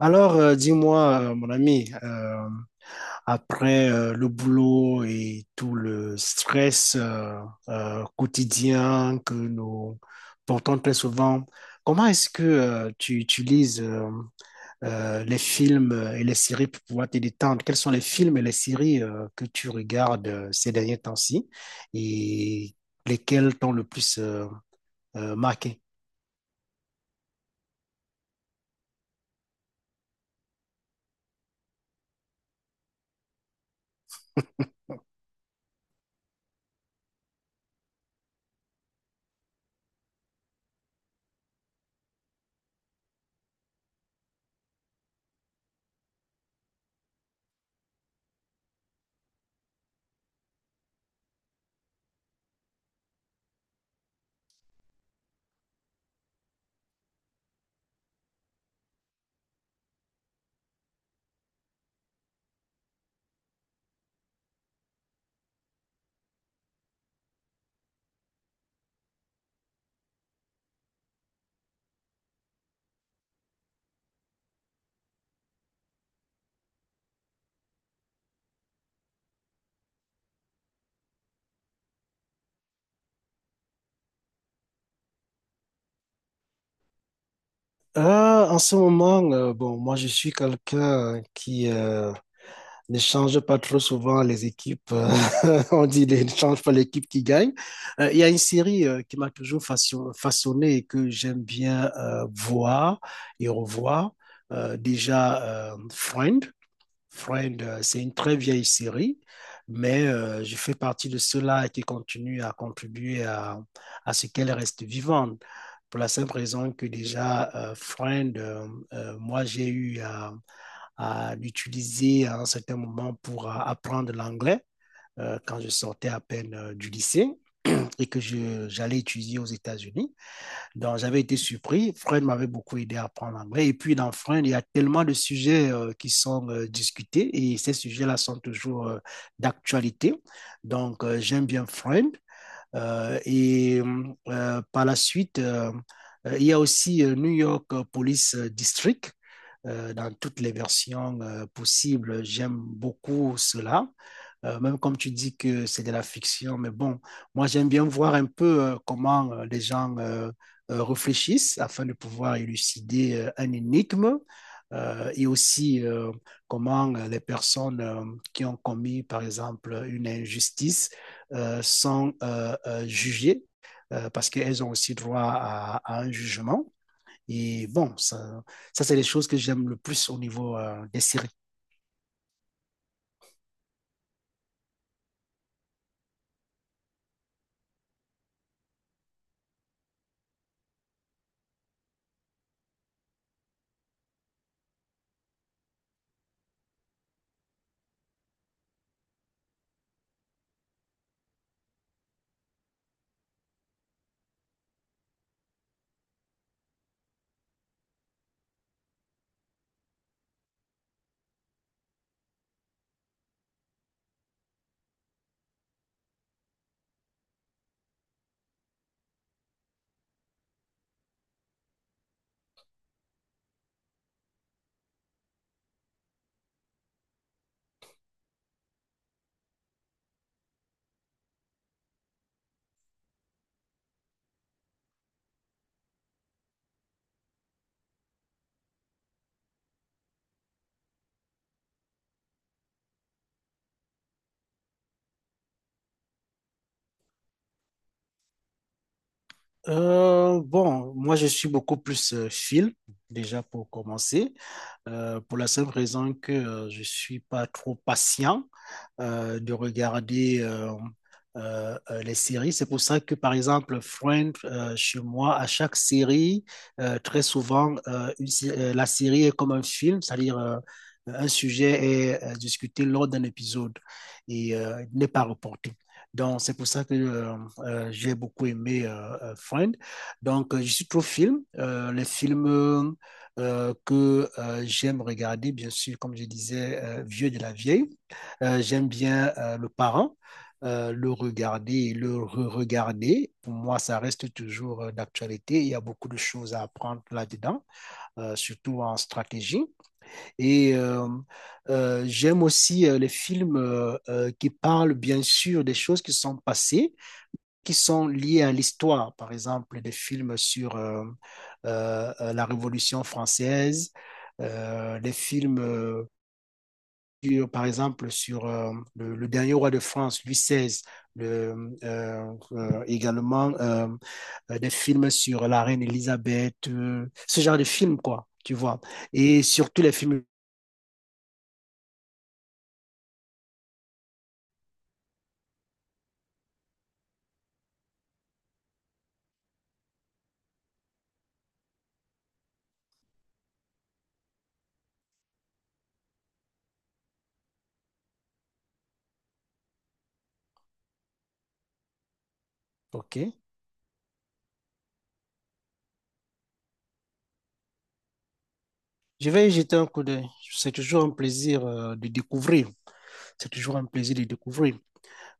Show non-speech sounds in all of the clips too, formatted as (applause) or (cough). Alors, dis-moi, mon ami, après le boulot et tout le stress quotidien que nous portons très souvent, comment est-ce que tu utilises les films et les séries pour pouvoir te détendre? Quels sont les films et les séries que tu regardes ces derniers temps-ci et lesquels t'ont le plus marqué? (laughs) En ce moment, bon, moi je suis quelqu'un qui ne change pas trop souvent les équipes. (laughs) On dit ne change pas l'équipe qui gagne. Il y a une série qui m'a toujours façonné et que j'aime bien voir et revoir. Déjà, Friend. Friend, c'est une très vieille série, mais je fais partie de ceux-là qui continuent à contribuer à ce qu'elle reste vivante pour la simple raison que déjà, Friend, moi, j'ai eu à l'utiliser à un certain moment pour apprendre l'anglais quand je sortais à peine du lycée et que j'allais étudier aux États-Unis. Donc, j'avais été surpris. Friend m'avait beaucoup aidé à apprendre l'anglais. Et puis, dans Friend, il y a tellement de sujets qui sont discutés et ces sujets-là sont toujours d'actualité. Donc, j'aime bien Friend. Et par la suite, il y a aussi New York Police District dans toutes les versions possibles. J'aime beaucoup cela. Même comme tu dis que c'est de la fiction, mais bon, moi j'aime bien voir un peu comment les gens réfléchissent afin de pouvoir élucider un énigme et aussi comment les personnes qui ont commis, par exemple, une injustice sont jugées parce qu'elles ont aussi droit à un jugement. Et bon, ça c'est les choses que j'aime le plus au niveau des séries. Bon, moi je suis beaucoup plus film, déjà pour commencer, pour la simple raison que je suis pas trop patient de regarder les séries. C'est pour ça que, par exemple, Friends, chez moi, à chaque série, très souvent, la série est comme un film, c'est-à-dire un sujet est discuté lors d'un épisode et il n'est pas reporté. Donc, c'est pour ça que j'ai beaucoup aimé Friend. Donc, je suis trop film. Les films que j'aime regarder, bien sûr, comme je disais, Vieux de la vieille. J'aime bien Le Parent, le regarder et le re-regarder. Pour moi, ça reste toujours d'actualité. Il y a beaucoup de choses à apprendre là-dedans, surtout en stratégie. Et j'aime aussi les films qui parlent bien sûr des choses qui sont passées, qui sont liées à l'histoire. Par exemple, des films sur la Révolution française, des films sur, par exemple sur le dernier roi de France, Louis XVI, également des films sur la reine Elisabeth, ce genre de films, quoi, tu vois. Et surtout les films. OK. Je vais y jeter un coup d'œil. C'est toujours un plaisir de découvrir. C'est toujours un plaisir de découvrir.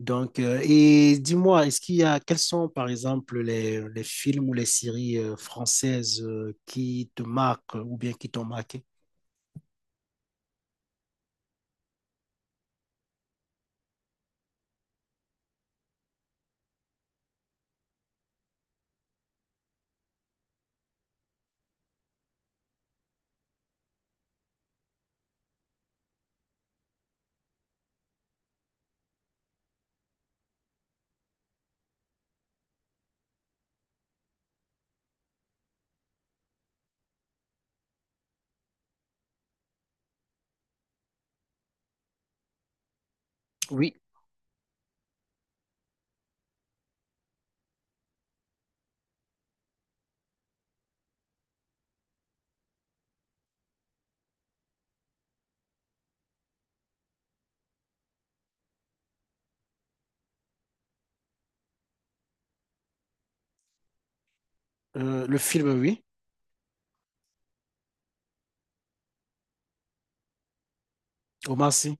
Donc, et dis-moi, est-ce qu'il y a, quels sont, par exemple, les films ou les séries françaises qui te marquent ou bien qui t'ont marqué? Oui, le film, oui. Omar Sy.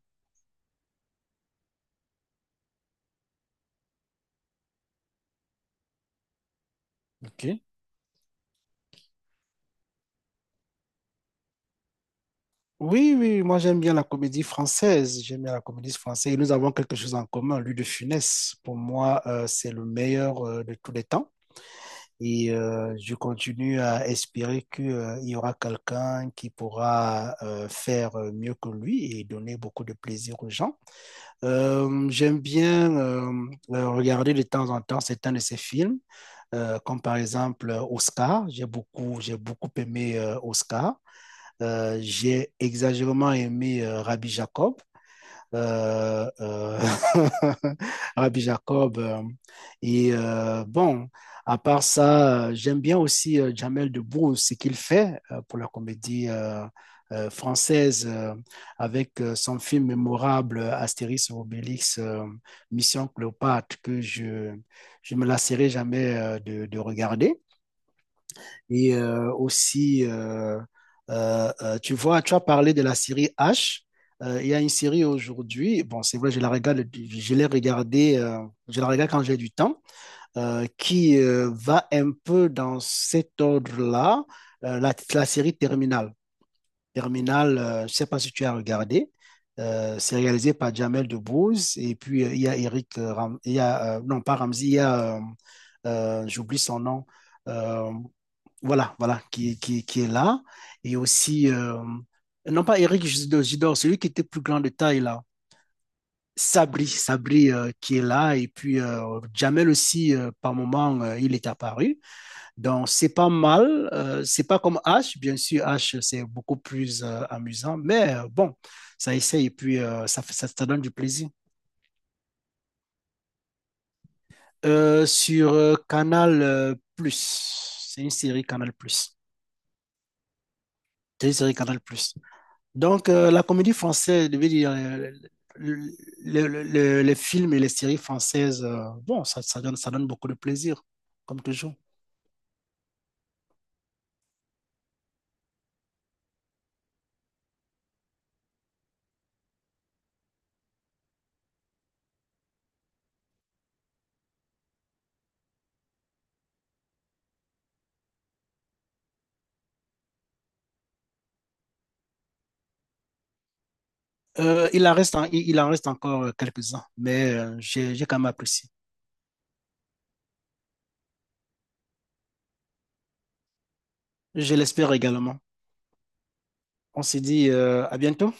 Ok. Oui, oui, moi j'aime bien la comédie française. J'aime bien la comédie française. Et nous avons quelque chose en commun. Louis de Funès, pour moi, c'est le meilleur de tous les temps. Et je continue à espérer qu'il y aura quelqu'un qui pourra faire mieux que lui et donner beaucoup de plaisir aux gens. J'aime bien regarder de temps en temps certains de ses films, comme par exemple Oscar. J'ai beaucoup aimé Oscar. J'ai exagérément aimé Rabbi Jacob euh, euh, (laughs) Rabbi Jacob. Et bon, à part ça, j'aime bien aussi Jamel Debbouze, ce qu'il fait pour la comédie française avec son film mémorable Astérix et Obélix, Mission Cléopâtre, que je me lasserai jamais de, regarder. Et aussi, tu vois, tu as parlé de la série H. Il y a une série aujourd'hui, bon, c'est vrai, je la regarde, je l'ai regardée, je la regarde quand j'ai du temps, qui va un peu dans cet ordre-là, la série Terminal. Terminal, je ne sais pas si tu as regardé, c'est réalisé par Jamel Debbouze, et puis il y a Eric, il y a, non pas Ramzi, il y a, j'oublie son nom, euh, voilà, voilà, qui est là. Et aussi, non pas Eric Judor, Judor, celui qui était plus grand de taille là. Sabri, Sabri qui est là. Et puis Jamel aussi, par moment, il est apparu. Donc, c'est pas mal. C'est pas comme H. Bien sûr, H, c'est beaucoup plus amusant. Mais bon, ça essaye et puis ça donne du plaisir. Sur Canal Plus, c'est une série Canal Plus. C'est une série Canal Plus. Donc, la comédie française, je veux dire, le- le- le- les films et les séries françaises, bon, ça, ça donne beaucoup de plaisir, comme toujours. Il en reste, il en reste encore quelques-uns, mais j'ai quand même apprécié. Je l'espère également. On se dit à bientôt.